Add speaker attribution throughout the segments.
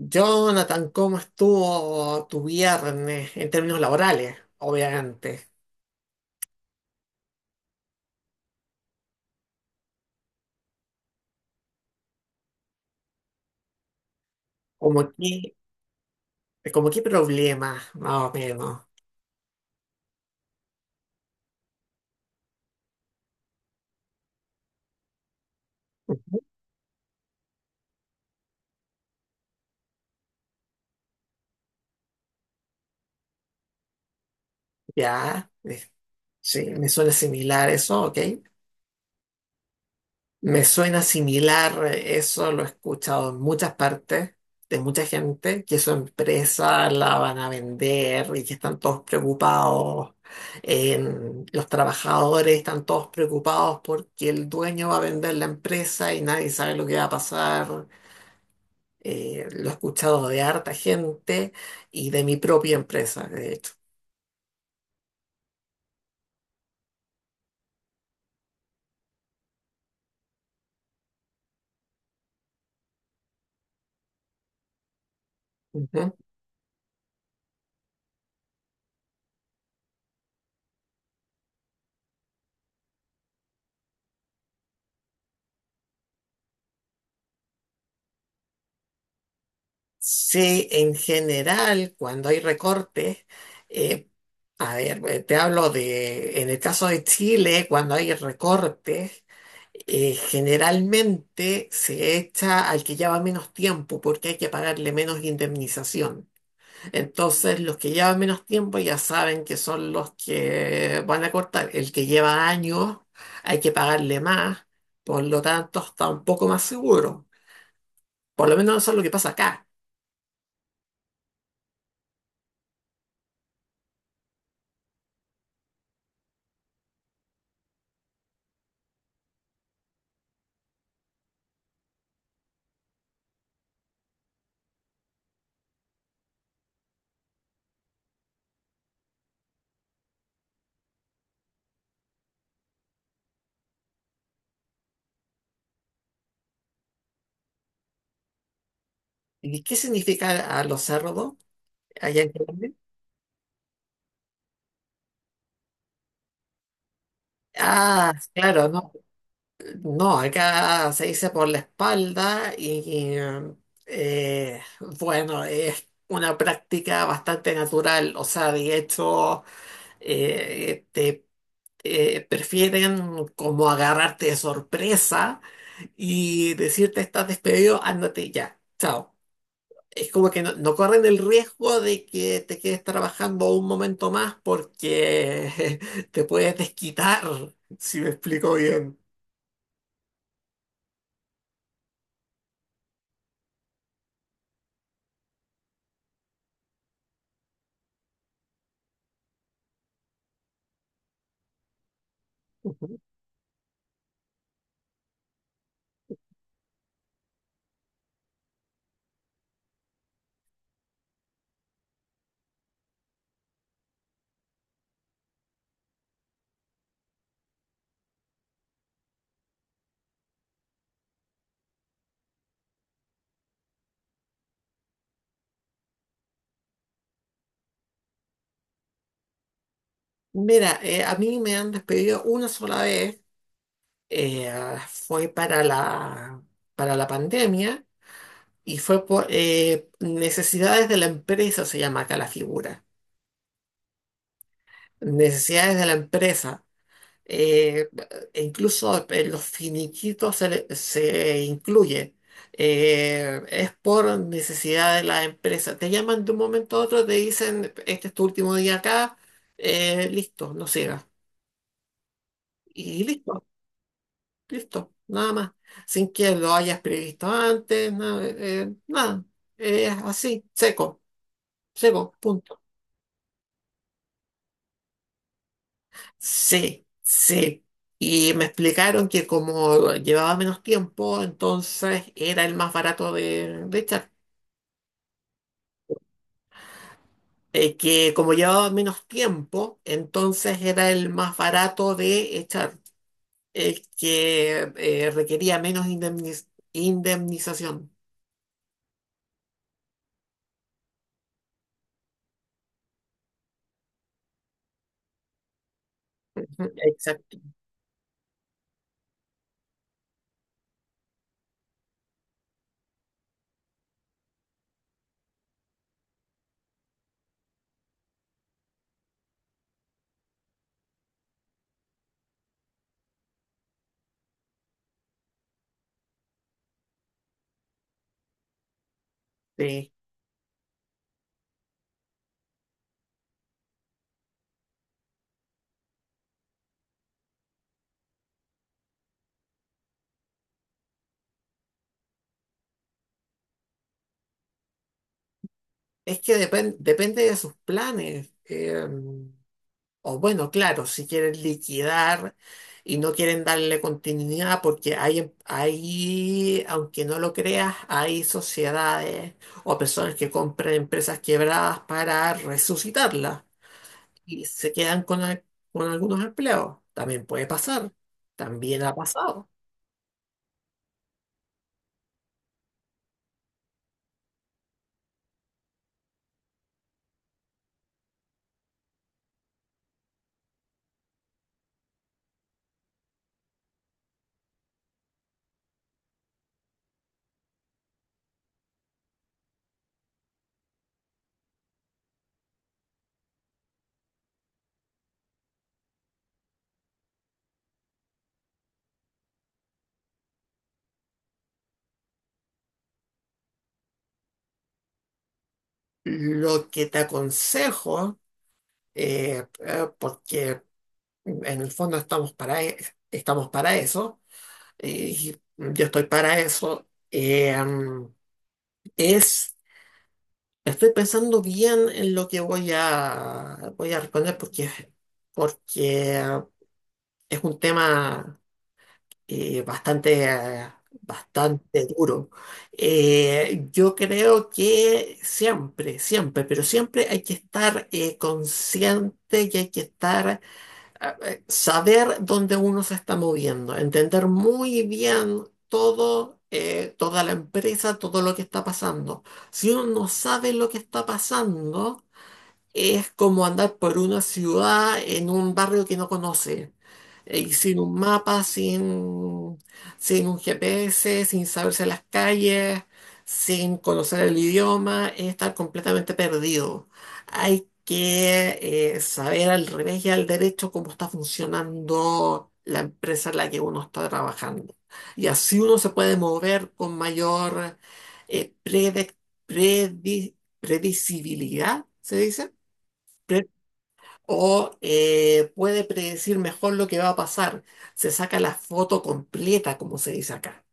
Speaker 1: Jonathan, ¿cómo estuvo tu viernes en términos laborales? Obviamente. ¿Cómo qué, como qué problemas, más o menos? ¿Ya? Sí, me suena similar eso, ¿ok? Me suena similar, eso lo he escuchado en muchas partes de mucha gente, que su empresa la van a vender y que están todos preocupados. Los trabajadores están todos preocupados porque el dueño va a vender la empresa y nadie sabe lo que va a pasar. Lo he escuchado de harta gente y de mi propia empresa, de hecho. Sí, en general, cuando hay recortes, eh, te hablo de, en el caso de Chile, cuando hay recortes, generalmente se echa al que lleva menos tiempo porque hay que pagarle menos indemnización. Entonces, los que llevan menos tiempo ya saben que son los que van a cortar. El que lleva años hay que pagarle más, por lo tanto está un poco más seguro. Por lo menos eso es lo que pasa acá. ¿Y qué significa a los cerdos allá en Colombia? Ah, claro, no, no, acá se dice por la espalda y, eh, bueno, es una práctica bastante natural, o sea, de hecho, te prefieren como agarrarte de sorpresa y decirte estás despedido, ándate ya, chao. Es como que no, no corren el riesgo de que te quedes trabajando un momento más porque te puedes desquitar, si me explico bien. Mira, a mí me han despedido una sola vez, eh, fue para la pandemia y fue por necesidades de la empresa, se llama acá la figura. Necesidades de la empresa. eh, E incluso en los finiquitos se incluye. Es por necesidad de la empresa. Te llaman de un momento a otro, te dicen, este es tu último día acá, listo, no sigas. Y listo, listo, nada más. Sin que lo hayas previsto antes, nada. Nada. Es así, seco, seco, punto. Sí, sí. Y me explicaron que como llevaba menos tiempo, entonces era el más barato de echar. Que como llevaba menos tiempo, entonces era el más barato de echar. El que requería indemnización. Ujú, exacto. Sí. Es que depende de sus planes. O bueno, claro, si quieren liquidar y no quieren darle continuidad, porque hay, hay, aunque no lo creas, hay sociedades o personas que compran empresas quebradas para resucitarlas y se quedan con algunos empleos. También puede pasar, también ha pasado. Lo que te aconsejo, porque en el fondo estamos para eso, yo estoy para eso. Es, Estoy pensando bien en lo que voy a responder porque, porque ah, es un tema eh, bastante duro. Yo creo que siempre, siempre, pero siempre hay que estar consciente y hay que estar saber dónde uno se está moviendo, entender muy bien todo, toda la empresa, todo lo que está pasando. Si uno no sabe lo que está pasando, es como andar por una ciudad en un barrio que no conoce y sin un mapa, sin un GPS, sin saberse las calles, sin conocer el idioma, es estar completamente perdido. Hay que saber al revés y al derecho cómo está funcionando la empresa en la que uno está trabajando. Y así uno se puede mover con mayor eh, prede- predi- predecibilidad, ¿se dice? O puede predecir mejor lo que va a pasar. Se saca la foto completa, como se dice acá,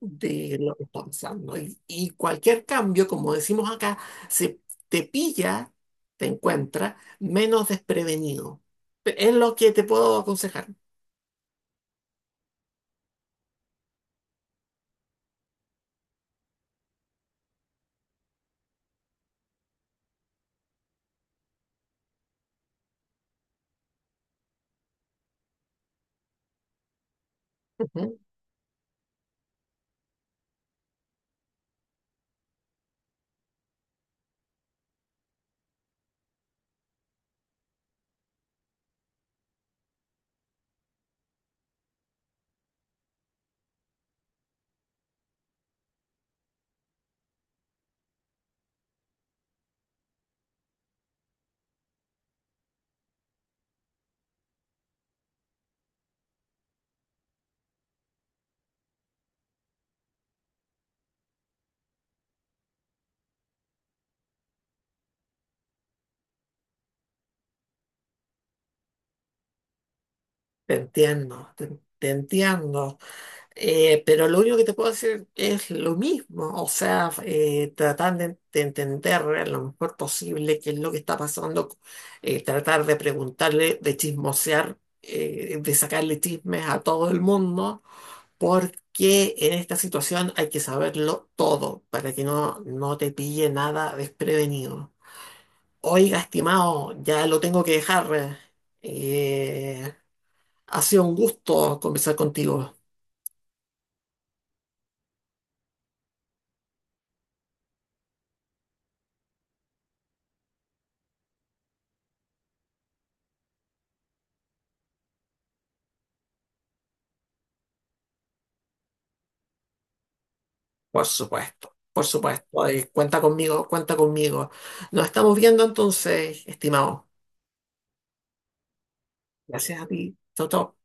Speaker 1: de lo que está pasando. Y cualquier cambio, como decimos acá, se te pilla, te encuentra menos desprevenido. Es lo que te puedo aconsejar. Ujú. Te entiendo, te entiendo. Pero lo único que te puedo decir es lo mismo, o sea, tratar de entender lo mejor posible qué es lo que está pasando, tratar de preguntarle, de chismosear, de sacarle chismes a todo el mundo, porque en esta situación hay que saberlo todo para que no, no te pille nada desprevenido. Oiga, estimado, ya lo tengo que dejar. eh, Ha sido un gusto conversar contigo. Por supuesto, por supuesto. Ay, cuenta conmigo, cuenta conmigo. Nos estamos viendo entonces, estimado. Gracias a ti. Chau, chau.